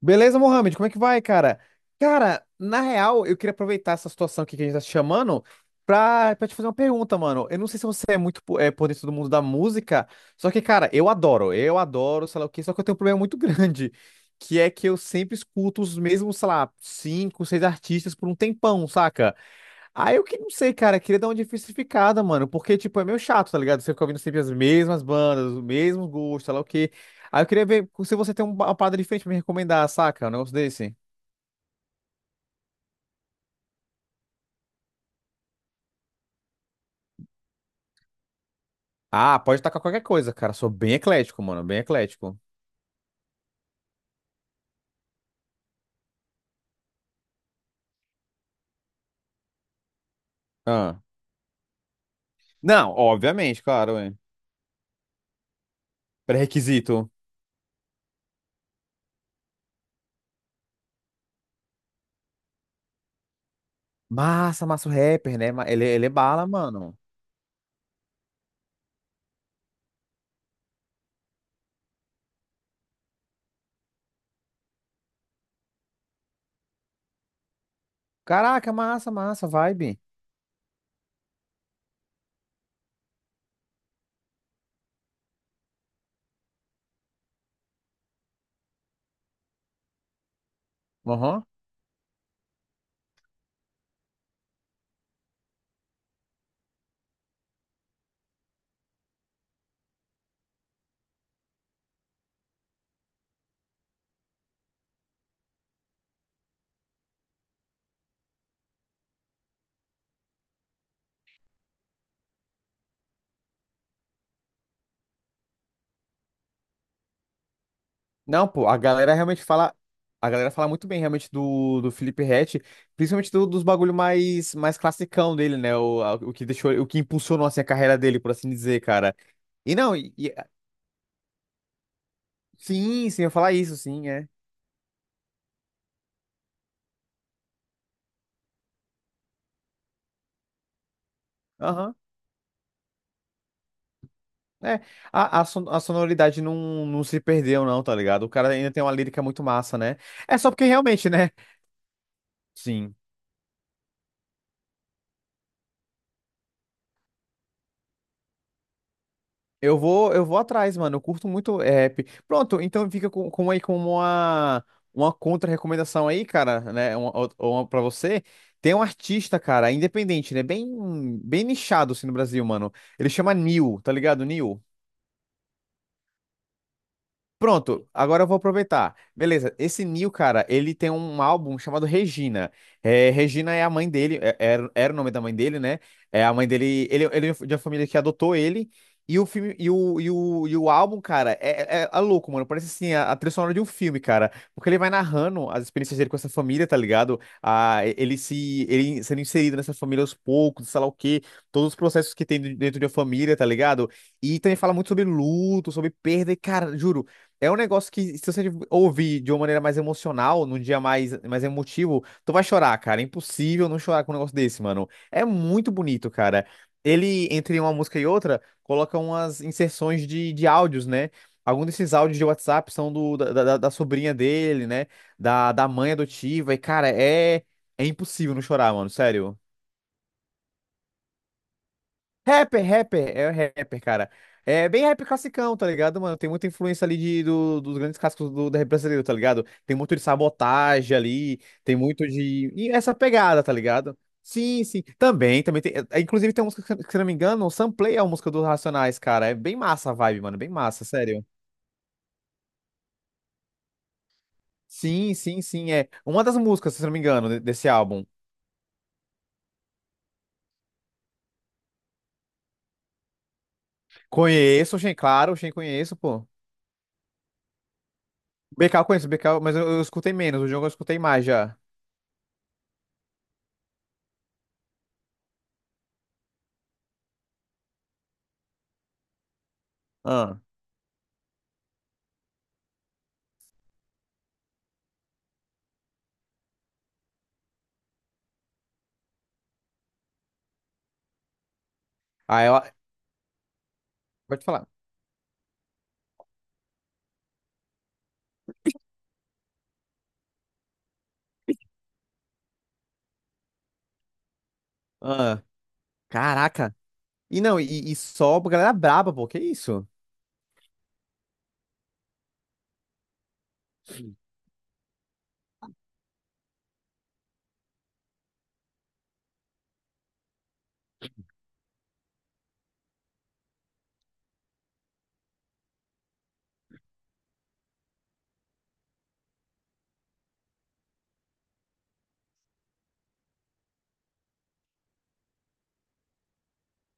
Beleza, Mohamed? Como é que vai, cara? Cara, na real, eu queria aproveitar essa situação aqui que a gente tá te chamando pra te fazer uma pergunta, mano. Eu não sei se você é muito por dentro do mundo da música, só que, cara, eu adoro, sei lá o quê, só que eu tenho um problema muito grande, que é que eu sempre escuto os mesmos, sei lá, cinco, seis artistas por um tempão, saca? Ah, eu que não sei, cara. Queria dar uma diversificada, mano. Porque, tipo, é meio chato, tá ligado? Você fica ouvindo sempre as mesmas bandas, o mesmo gosto, sei lá o quê. Aí eu queria ver se você tem uma parada diferente pra me recomendar, saca? Um negócio desse. Ah, pode tacar qualquer coisa, cara. Sou bem eclético, mano. Bem eclético. Ah. Não, obviamente, claro, é. Pré-requisito. Massa, massa o rapper, né? Ele é bala, mano. Caraca, massa, massa, vibe. Aham. Não, pô, a galera realmente fala. A galera fala muito bem realmente do Felipe Ret, principalmente dos bagulho mais classicão dele, né? O que deixou, o que impulsionou assim, a carreira dele, por assim dizer, cara. E não, sim, sim, eu ia falar isso, sim, é. Aham. É, a sonoridade não se perdeu, não, tá ligado? O cara ainda tem uma lírica muito massa, né? É só porque realmente, né? Sim. Eu vou atrás, mano. Eu curto muito rap. Pronto, então fica com aí como uma contra-recomendação aí, cara, né? Uma, ou uma pra você. Tem um artista, cara, independente, né? Bem nichado, assim, no Brasil, mano. Ele chama Nil, tá ligado? Nil? Pronto, agora eu vou aproveitar. Beleza, esse Neil, cara, ele tem um álbum chamado Regina. É, Regina é a mãe dele, era o nome da mãe dele, né? É a mãe dele, ele é de uma família que adotou ele. E o filme, e o, e o, e o álbum, cara, é louco, mano. Parece assim, a trilha sonora de um filme, cara. Porque ele vai narrando as experiências dele com essa família, tá ligado? Ah, ele se, ele sendo inserido nessa família aos poucos, sei lá o quê, todos os processos que tem dentro de uma família, tá ligado? E também fala muito sobre luto, sobre perda, e, cara, juro. É um negócio que, se você ouvir de uma maneira mais emocional, num dia mais emotivo, tu vai chorar, cara. É impossível não chorar com um negócio desse, mano. É muito bonito, cara. Ele, entre uma música e outra, coloca umas inserções de áudios, né? Alguns desses áudios de WhatsApp são da sobrinha dele, né? Da mãe adotiva. E, cara, é impossível não chorar, mano. Sério. Rapper, rapper, é rapper, cara. É bem rap classicão, tá ligado, mano? Tem muita influência ali dos grandes clássicos da rap brasileiro, tá ligado? Tem muito de sabotagem ali, tem muito de. E essa pegada, tá ligado? Sim, sim. Também tem. Inclusive tem uma música, que se não me engano, o Samplay é uma música dos Racionais, cara. É bem massa a vibe, mano. Bem massa, sério. Sim, sim, sim. É uma das músicas, se não me engano, desse álbum. Conheço, Shen, claro, Shen conheço, pô. BK eu conheço, BK, mas eu escutei menos, o jogo eu escutei mais já. Ah. Pode falar. Ah, caraca. E não, só pra galera braba, pô. Que isso?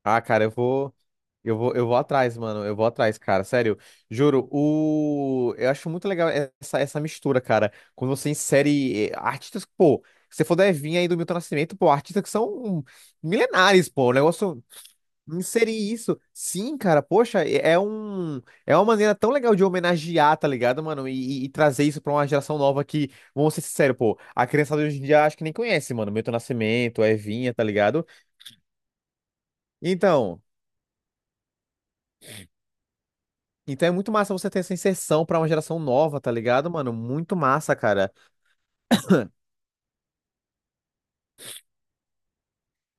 Ah, cara, eu vou. Eu vou atrás, mano. Eu vou atrás, cara. Sério. Juro. Eu acho muito legal essa mistura, cara. Quando você insere artistas, pô. Se você for da Evinha aí do Milton Nascimento, pô, artistas que são milenares, pô. O negócio. Inserir isso. Sim, cara, poxa, é uma maneira tão legal de homenagear, tá ligado, mano? E trazer isso pra uma geração nova que, vamos ser sinceros, pô, a criançada hoje em dia acho que nem conhece, mano, Milton Nascimento, Evinha, tá ligado? Então, então é muito massa você ter essa inserção pra uma geração nova, tá ligado, mano? Muito massa, cara.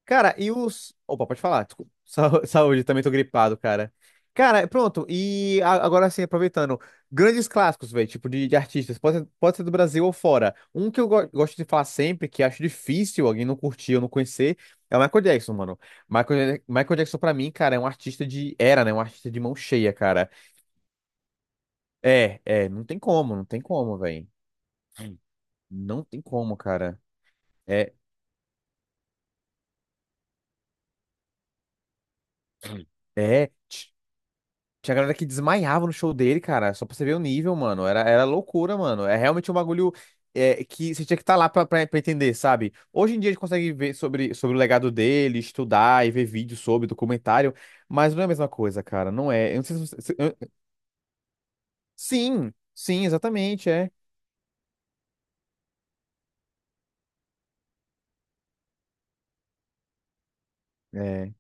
Cara, e os. Opa, pode falar. Desculpa. Saúde, também tô gripado, cara. Cara, pronto. E agora sim, aproveitando. Grandes clássicos, velho, tipo de artistas. Pode ser do Brasil ou fora. Um que eu gosto de falar sempre, que acho difícil alguém não curtir ou não conhecer, é o Michael Jackson, mano. Michael Jackson, pra mim, cara, é um artista de. Era, né? Um artista de mão cheia, cara. É, é. Não tem como, não tem como, velho. Não tem como, cara. É. É. Tinha galera que desmaiava no show dele, cara. Só pra você ver o nível, mano. Era loucura, mano. É realmente um bagulho que você tinha que estar lá pra, entender, sabe? Hoje em dia a gente consegue ver sobre o legado dele, estudar e ver vídeo sobre, documentário. Mas não é a mesma coisa, cara. Não é. Eu não sei se você... Sim, sim, exatamente, é. É.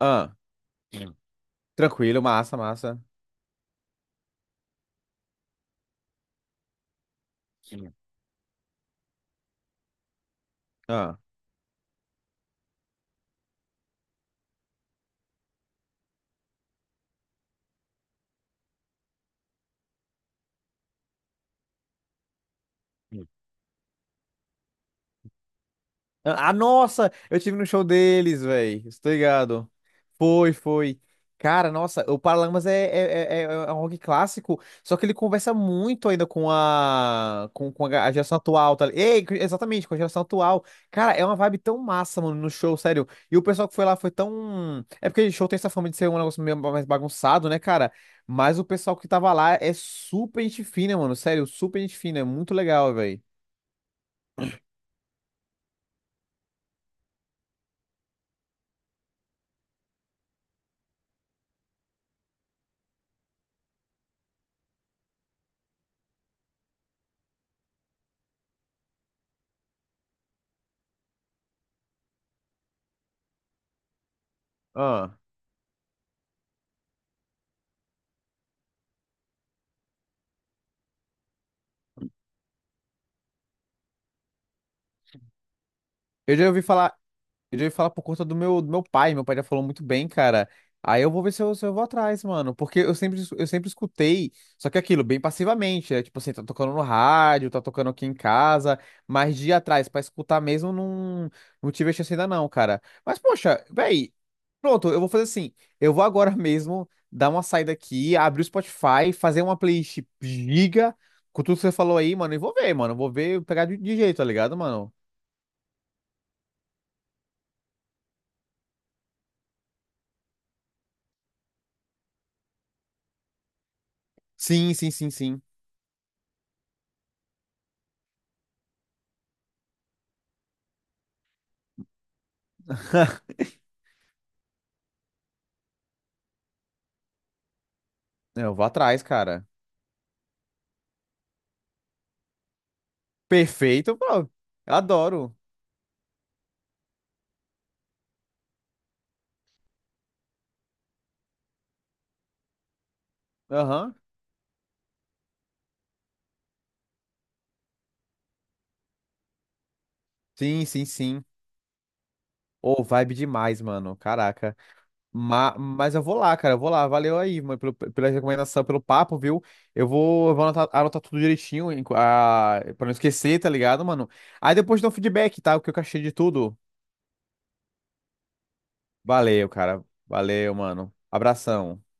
Ah, tranquilo, massa, massa. Ah. Ah, nossa, eu tive no show deles, velho. Estou ligado. Foi, foi. Cara, nossa, o Paralamas é um rock clássico, só que ele conversa muito ainda com a geração atual, tá? Ei, exatamente, com a geração atual. Cara, é uma vibe tão massa, mano, no show, sério. E o pessoal que foi lá foi tão. É porque show tem essa fama de ser um negócio meio mais bagunçado, né, cara? Mas o pessoal que tava lá é super gente fina, mano, sério, super gente fina, é muito legal, velho. Ah. Eu já ouvi falar. Eu já ia falar por conta do meu pai. Meu pai já falou muito bem, cara. Aí eu vou ver se eu vou atrás, mano. Porque eu sempre escutei, só que aquilo, bem passivamente. É, tipo assim, tá tocando no rádio, tá tocando aqui em casa. Mas de ir atrás pra escutar mesmo, não tive a chance ainda não, cara. Mas, poxa, véi, pronto, eu vou fazer assim. Eu vou agora mesmo dar uma saída aqui, abrir o Spotify, fazer uma playlist giga com tudo que você falou aí, mano. E vou ver, mano. Vou ver, pegar de jeito, tá ligado, mano? Sim, sim, sim, sim. Eu vou atrás, cara. Perfeito, bro. Eu adoro. Aham. Sim, sim, sim. Ô, vibe demais, mano. Caraca. Ma mas eu vou lá, cara. Eu vou lá. Valeu aí, mano, pela recomendação, pelo papo, viu? Eu vou anotar, anotar tudo direitinho, pra não esquecer, tá ligado, mano? Aí depois dá um feedback, tá? O que eu achei de tudo. Valeu, cara. Valeu, mano. Abração.